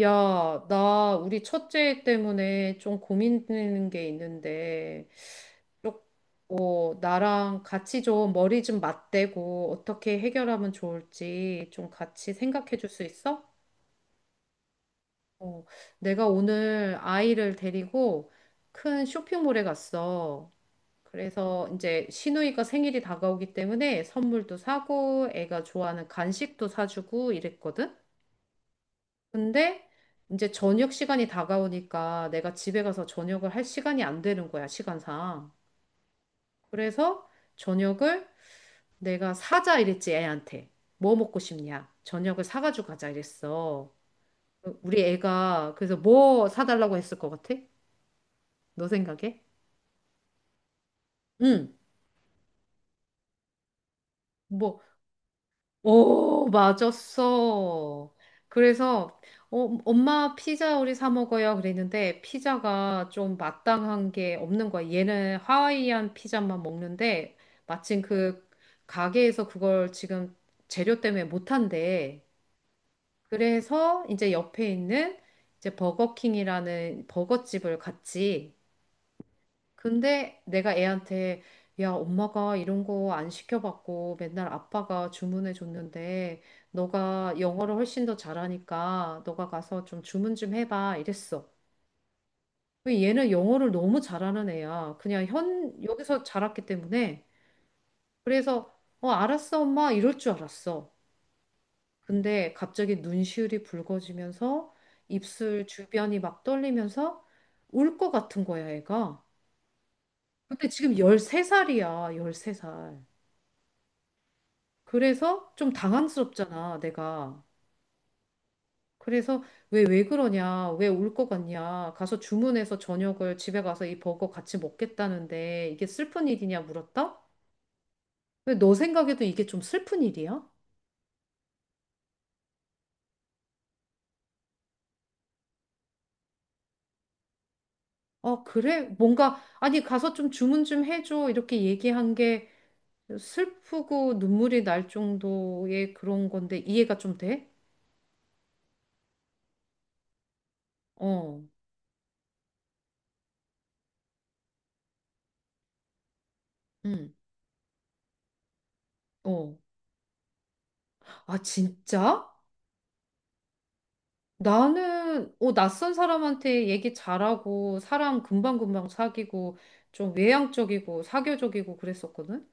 야, 나 우리 첫째 때문에 좀 고민되는 게 있는데, 어, 나랑 같이 좀 머리 좀 맞대고 어떻게 해결하면 좋을지 좀 같이 생각해 줄 수 있어? 어, 내가 오늘 아이를 데리고 큰 쇼핑몰에 갔어. 그래서 이제 시누이가 생일이 다가오기 때문에 선물도 사고 애가 좋아하는 간식도 사주고 이랬거든? 근데 이제 저녁 시간이 다가오니까 내가 집에 가서 저녁을 할 시간이 안 되는 거야, 시간상. 그래서 저녁을 내가 사자 이랬지, 애한테. 뭐 먹고 싶냐? 저녁을 사가지고 가자 이랬어. 우리 애가 그래서 뭐 사달라고 했을 것 같아? 너 생각에? 응. 뭐, 오, 맞았어. 그래서 어, 엄마 피자 우리 사 먹어요 그랬는데 피자가 좀 마땅한 게 없는 거야. 얘는 하와이안 피자만 먹는데 마침 그 가게에서 그걸 지금 재료 때문에 못 한대. 그래서 이제 옆에 있는 이제 버거킹이라는 버거집을 갔지. 근데 내가 애한테 야, 엄마가 이런 거 안 시켜봤고 맨날 아빠가 주문해 줬는데 너가 영어를 훨씬 더 잘하니까 너가 가서 좀 주문 좀 해봐 이랬어. 근데 얘는 영어를 너무 잘하는 애야. 그냥 현 여기서 자랐기 때문에 그래서 어 알았어 엄마 이럴 줄 알았어. 근데 갑자기 눈시울이 붉어지면서 입술 주변이 막 떨리면서 울 것 같은 거야, 애가. 근데 지금 13살이야, 13살. 그래서 좀 당황스럽잖아, 내가. 그래서 왜 그러냐, 왜 올 것 같냐, 가서 주문해서 저녁을 집에 가서 이 버거 같이 먹겠다는데 이게 슬픈 일이냐 물었다? 왜 너 생각에도 이게 좀 슬픈 일이야? 어, 그래? 뭔가, 아니, 가서 좀 주문 좀 해줘. 이렇게 얘기한 게 슬프고 눈물이 날 정도의 그런 건데 이해가 좀 돼? 어, 응, 어. 아, 진짜? 나는 어, 낯선 사람한테 얘기 잘하고 사람 금방금방 사귀고 좀 외향적이고 사교적이고 그랬었거든.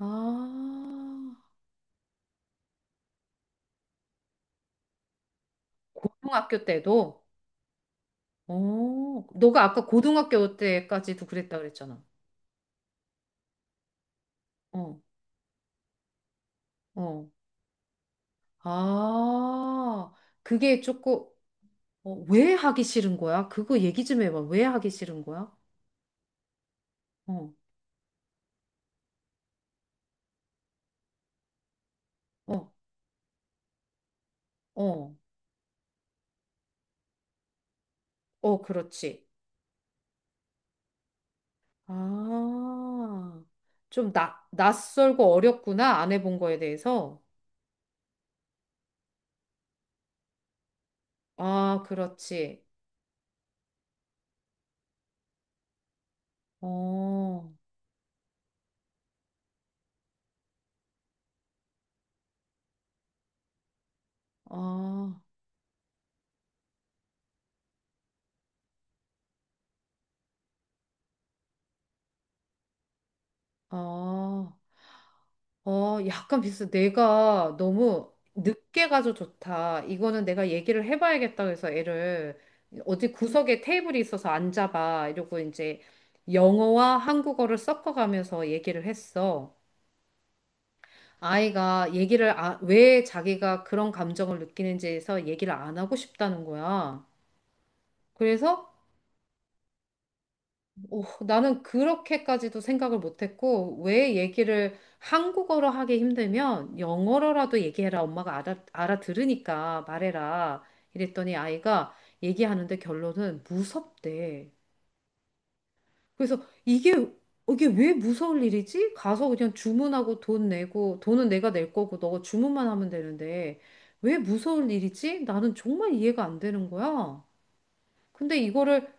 아, 고등학교 때도? 어, 너가 아까 고등학교 때까지도 그랬다 그랬잖아. 어, 어. 아, 그게 조금 어, 왜 하기 싫은 거야? 그거 얘기 좀 해봐. 왜 하기 싫은 거야? 어, 어, 어, 어, 그렇지. 아, 좀 낯설고 어렵구나. 안 해본 거에 대해서. 아, 그렇지. 어, 아, 아, 어, 약간 비슷해. 내가 너무 늦게 가서 좋다. 이거는 내가 얘기를 해봐야겠다. 그래서 애를 어디 구석에 테이블이 있어서 앉아봐. 이러고 이제 영어와 한국어를 섞어가면서 얘기를 했어. 아이가 얘기를 왜 자기가 그런 감정을 느끼는지에서 얘기를 안 하고 싶다는 거야. 그래서 어, 나는 그렇게까지도 생각을 못했고 왜 얘기를 한국어로 하기 힘들면 영어로라도 얘기해라. 엄마가 알아들으니까 말해라. 이랬더니 아이가 얘기하는데 결론은 무섭대. 그래서 이게 이게 왜 무서울 일이지? 가서 그냥 주문하고 돈 내고 돈은 내가 낼 거고 너가 주문만 하면 되는데 왜 무서울 일이지? 나는 정말 이해가 안 되는 거야. 근데 이거를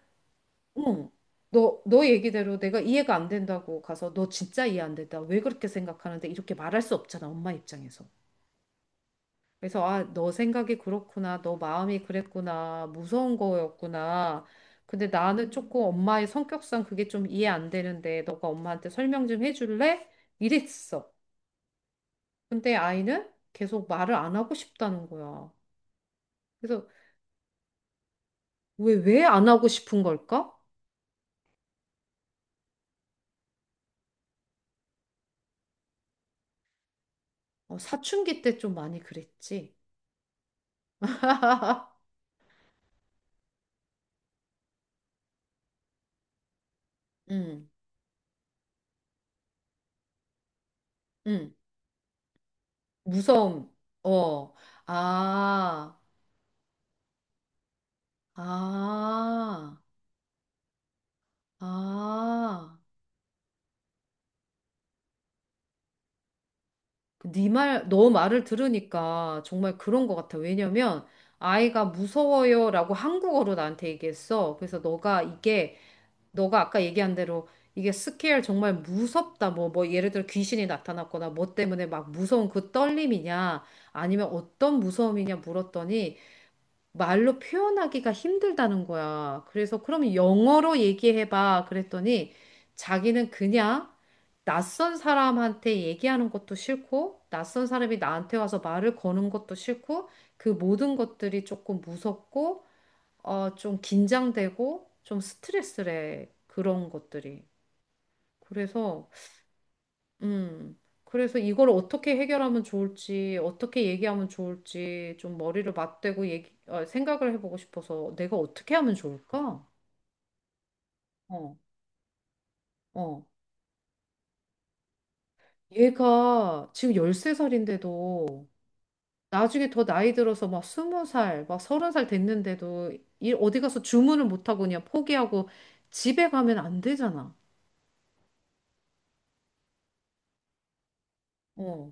응, 너 얘기대로 내가 이해가 안 된다고 가서 너 진짜 이해 안 된다. 왜 그렇게 생각하는데 이렇게 말할 수 없잖아. 엄마 입장에서. 그래서 아, 너 생각이 그렇구나. 너 마음이 그랬구나. 무서운 거였구나. 근데 나는 조금 엄마의 성격상 그게 좀 이해 안 되는데 너가 엄마한테 설명 좀 해줄래? 이랬어. 근데 아이는 계속 말을 안 하고 싶다는 거야. 그래서 왜 안 하고 싶은 걸까? 어, 사춘기 때 좀 많이 그랬지. 응, 응. 무서움. 어. 아, 아, 아. 너 말을 들으니까 정말 그런 것 같아. 왜냐면 아이가 무서워요라고 한국어로 나한테 얘기했어. 그래서 너가 이게 너가 아까 얘기한 대로 이게 스케일 정말 무섭다. 뭐 예를 들어 귀신이 나타났거나 뭐 때문에 막 무서운 그 떨림이냐 아니면 어떤 무서움이냐 물었더니 말로 표현하기가 힘들다는 거야. 그래서 그럼 영어로 얘기해봐. 그랬더니 자기는 그냥 낯선 사람한테 얘기하는 것도 싫고, 낯선 사람이 나한테 와서 말을 거는 것도 싫고, 그 모든 것들이 조금 무섭고, 어, 좀 긴장되고, 좀 스트레스래. 그런 것들이. 그래서 음. 그래서 이걸 어떻게 해결하면 좋을지, 어떻게 얘기하면 좋을지 좀 머리를 맞대고 얘기, 어, 생각을 해보고 싶어서 내가 어떻게 하면 좋을까? 어, 어. 얘가 지금 13살인데도 나중에 더 나이 들어서 막 20살, 막 30살 됐는데도 일 어디 가서 주문을 못하고 그냥 포기하고 집에 가면 안 되잖아. 어,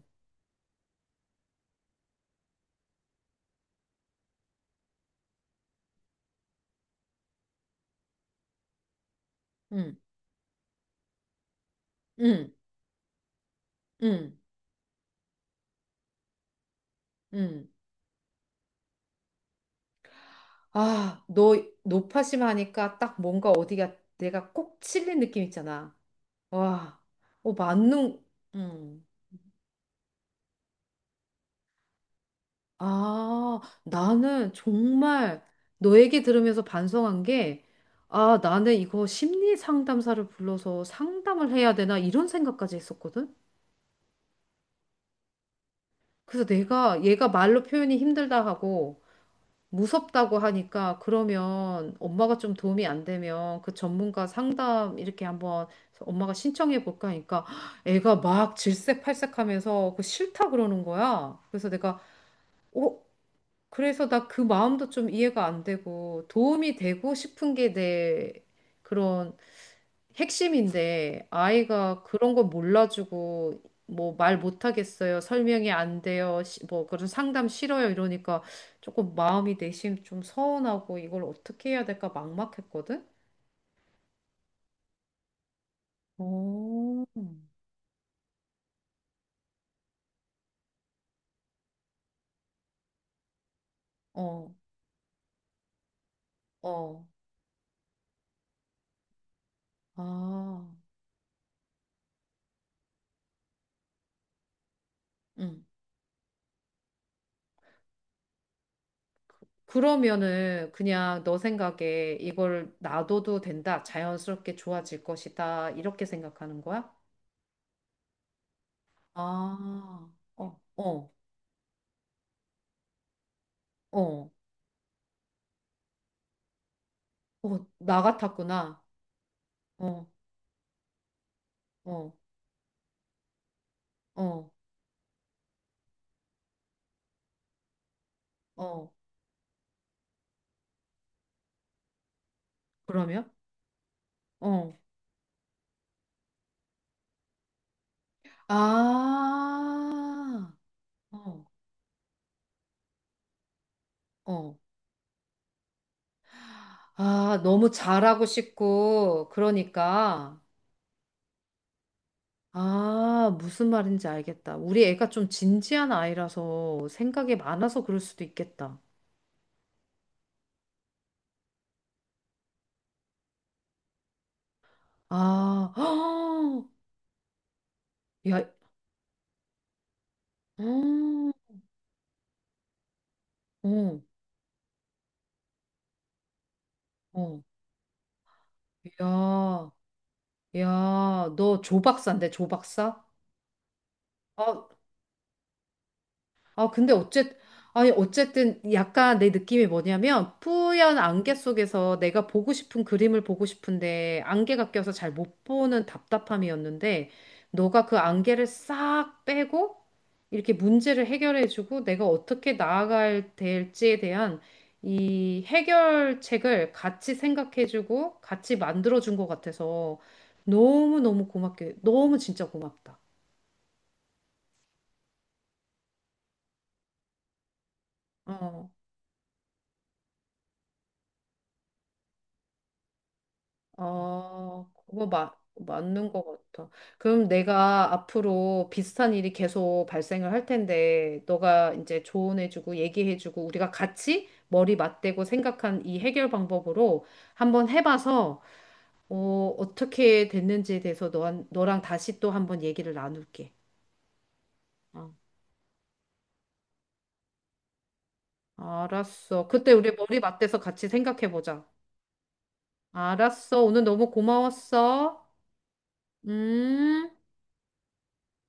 응, 응, 응, 응. 아, 너 노파심하니까 딱 뭔가 어디가 내가 꼭 찔린 느낌 있잖아. 와, 어, 음. 아, 나는 정말 너 얘기 들으면서 반성한 게, 아, 나는 이거 심리 상담사를 불러서 상담을 해야 되나 이런 생각까지 했었거든? 그래서 내가 얘가 말로 표현이 힘들다 하고, 무섭다고 하니까 그러면 엄마가 좀 도움이 안 되면 그 전문가 상담 이렇게 한번 엄마가 신청해 볼까 하니까 애가 막 질색팔색하면서 그 싫다 그러는 거야. 그래서 내가 어 그래서 나 그 마음도 좀 이해가 안 되고 도움이 되고 싶은 게 내 그런 핵심인데 아이가 그런 거 몰라주고 뭐 말 못하겠어요. 설명이 안 돼요. 뭐 그런 상담 싫어요. 이러니까 조금 마음이 내심 좀 서운하고 이걸 어떻게 해야 될까 막막했거든. 오. 어, 어. 아. 음. 그러면은 그냥 너 생각에 이걸 놔둬도 된다. 자연스럽게 좋아질 것이다. 이렇게 생각하는 거야? 아. 어, 어, 어. 어, 나 같았구나. 어. 어, 어, 어. 그러면? 어, 아, 어, 어. 아, 너무 잘하고 싶고, 그러니까. 아, 무슨 말인지 알겠다. 우리 애가 좀 진지한 아이라서 생각이 많아서 그럴 수도 있겠다. 아, 야, 어, 어, 어. 야, 야, 너 조박사인데, 조박사? 아, 아, 근데 아니, 어쨌든 약간 내 느낌이 뭐냐면 뿌연 안개 속에서 내가 보고 싶은 그림을 보고 싶은데 안개가 껴서 잘 못 보는 답답함이었는데 너가 그 안개를 싹 빼고 이렇게 문제를 해결해주고 내가 어떻게 나아갈 될지에 대한 이 해결책을 같이 생각해주고 같이 만들어준 것 같아서 너무너무 고맙게, 너무 진짜 고맙다. 어. 아, 그거 맞는 것 같아. 그럼 내가 앞으로 비슷한 일이 계속 발생을 할 텐데, 너가 이제 조언해주고 얘기해주고, 우리가 같이 머리 맞대고 생각한 이 해결 방법으로 한번 해봐서, 어, 어떻게 됐는지에 대해서 너랑 다시 또 한번 얘기를 나눌게. 어, 알았어. 그때 우리 머리 맞대서 같이 생각해보자. 알았어. 오늘 너무 고마웠어. 음.